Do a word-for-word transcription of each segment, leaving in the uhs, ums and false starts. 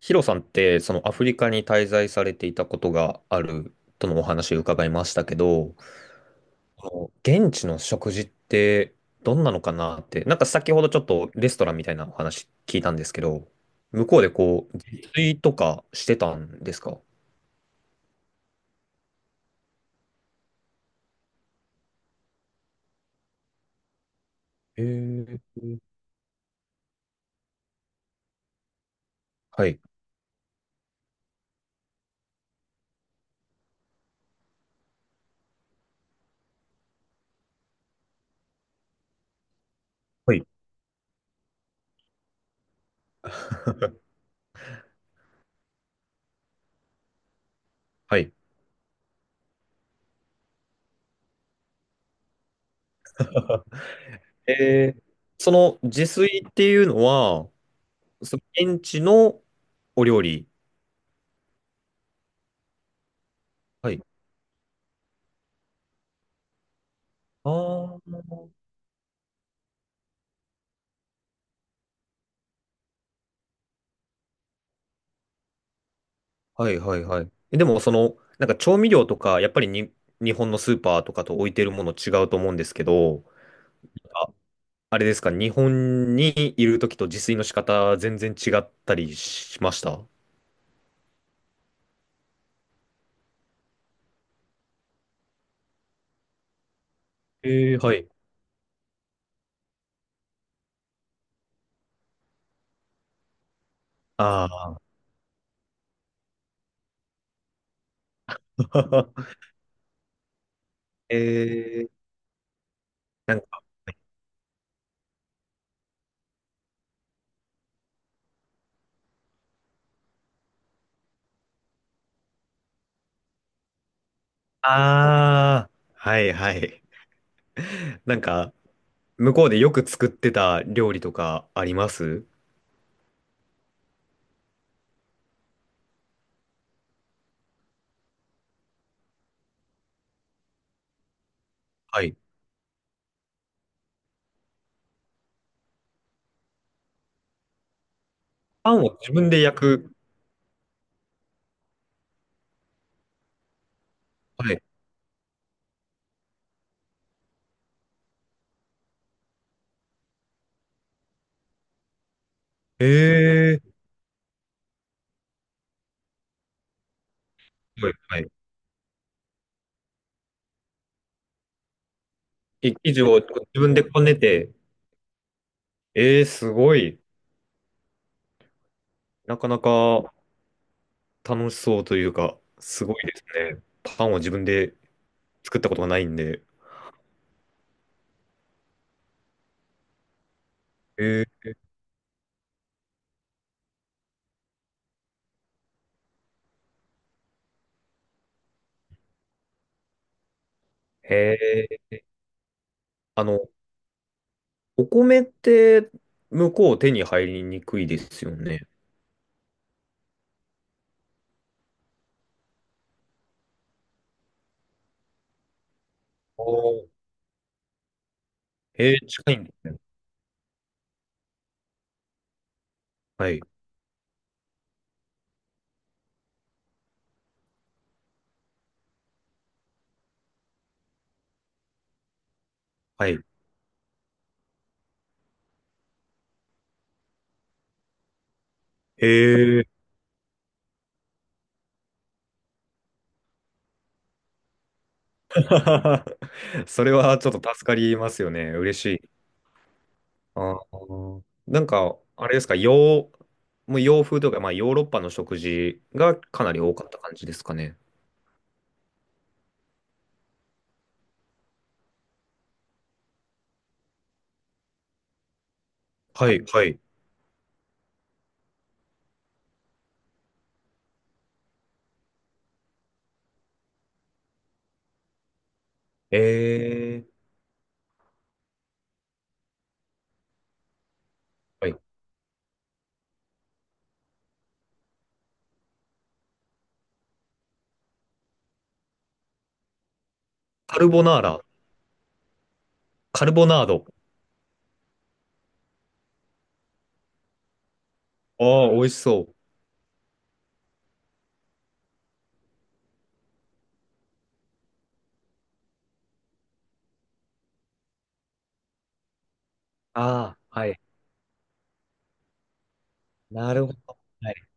ヒロさんって、そのアフリカに滞在されていたことがあるとのお話を伺いましたけど、この現地の食事ってどんなのかなって、なんか先ほどちょっとレストランみたいなお話聞いたんですけど、向こうでこう、自炊とかしてたんですか？えー、はい。はい。はい。えーその自炊っていうのは、その現地のお料理。はい。ああ。はいはいはい。え、でもその、なんか調味料とか、やっぱりに日本のスーパーとかと置いてるもの違うと思うんですけど、あ、あれですか、日本にいるときと自炊の仕方全然違ったりしました？えー、はい。ああ。えー、なんか、ああ、はいはい。なんか、向こうでよく作ってた料理とかあります？はい。パンを自分で焼く。はい。えー、はいはい。い生地を自分でこねて、えー、すごい。なかなか楽しそうというか、すごいですね。パンを自分で作ったことがないんで。えー、へー。あの、お米って向こう手に入りにくいですよね。おー、えー、近いんですね。はい。はい。へえ。それはちょっと助かりますよね。嬉しい。あー、なんか、あれですか、洋、もう洋風というか、まあ、ヨーロッパの食事がかなり多かった感じですかね。はい、はい。ええ、はい。カルボナーラ、カルボナード。ああ、美味しそう。ああ、はい。なるほど。はい。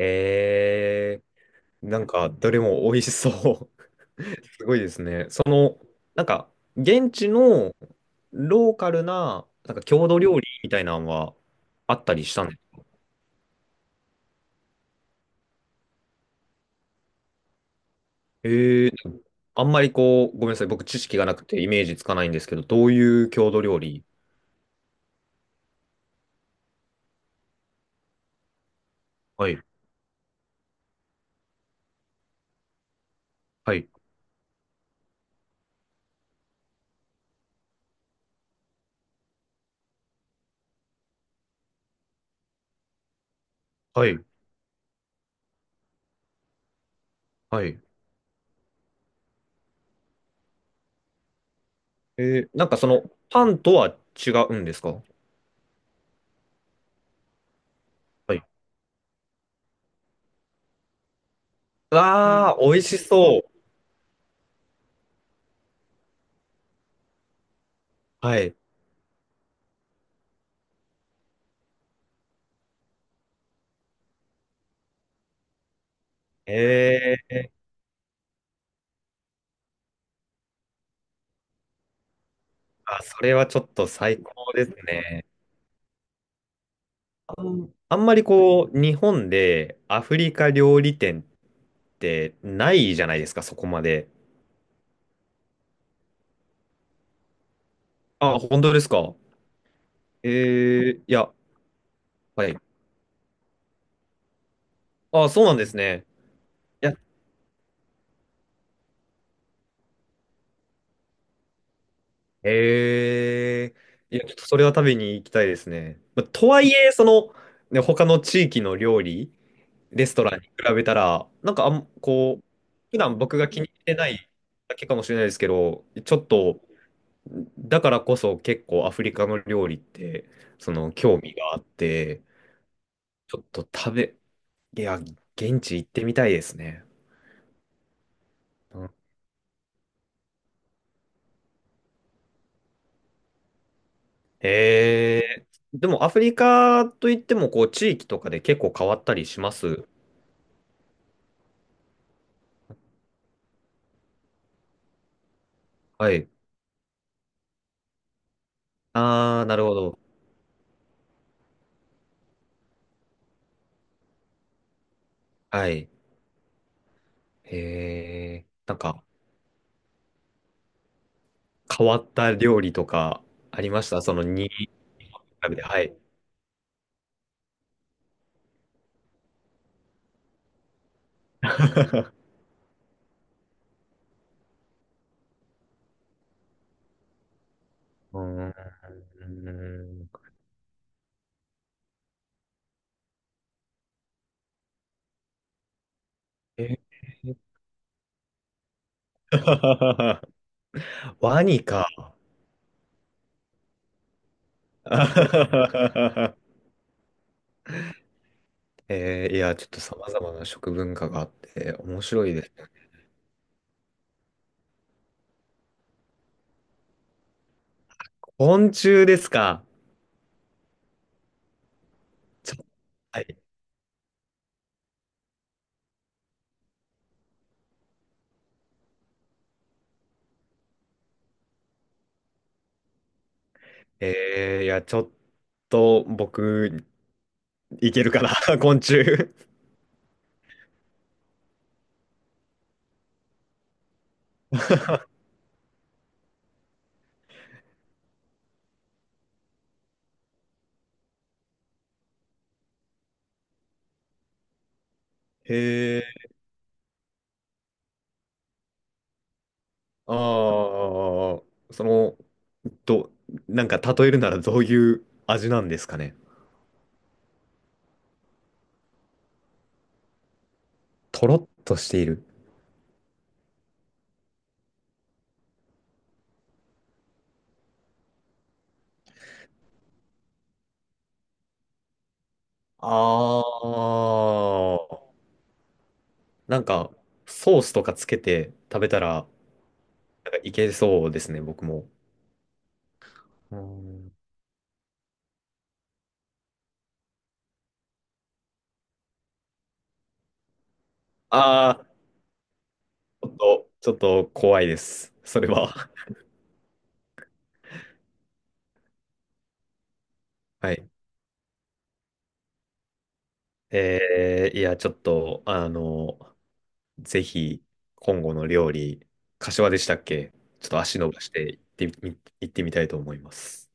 ええ、なんか、どれも美味しそう。すごいですね。その、なんか、現地のローカルな、なんか郷土料理みたいなのはあったりしたんです？あんまりこう、ごめんなさい。僕、知識がなくてイメージつかないんですけど、どういう郷土料理？はい。はい。はい。はい。えー、なんかその、パンとは違うんですか？はい。わあ、美味しそう。はい。ええ、あ、それはちょっと最高ですね。あん、あんまりこう、日本でアフリカ料理店ってないじゃないですか、そこまで。あ、本当ですか。ええ、いや、はい。あ、そうなんですね。いや、ええ、いや、ちょっとそれは食べに行きたいですね。まとはいえ、その、ね、他の地域の料理、レストランに比べたら、なんかあん、こう、普段僕が気に入ってないだけかもしれないですけど、ちょっと、だからこそ結構アフリカの料理って、その興味があって、ちょっと食べ、いや、現地行ってみたいですね。うん。えー、でもアフリカといっても、こう、地域とかで結構変わったりします。はい。あー、なるほど。はい。えー、なんか、変わった料理とかありました？そのに調べて、はい。うーん。えー ワニか。えー、いや、ちょっと様々な食文化があって面白いですね。昆虫ですか。ちょ、はい。えー、いや、ちょっと僕、いけるかな、昆虫。えー、ああ、その、ど、なんか例えるならどういう味なんですかね。とろっとしている。ああ、なんか、ソースとかつけて食べたら、なんかいけそうですね、僕も。うん。ああ、ちょっと、ちょっと怖いです。それは。はい。えー、いや、ちょっと、あの、ぜひ、今後の料理、柏でしたっけ？ちょっと足伸ばして行ってみ、行ってみたいと思います。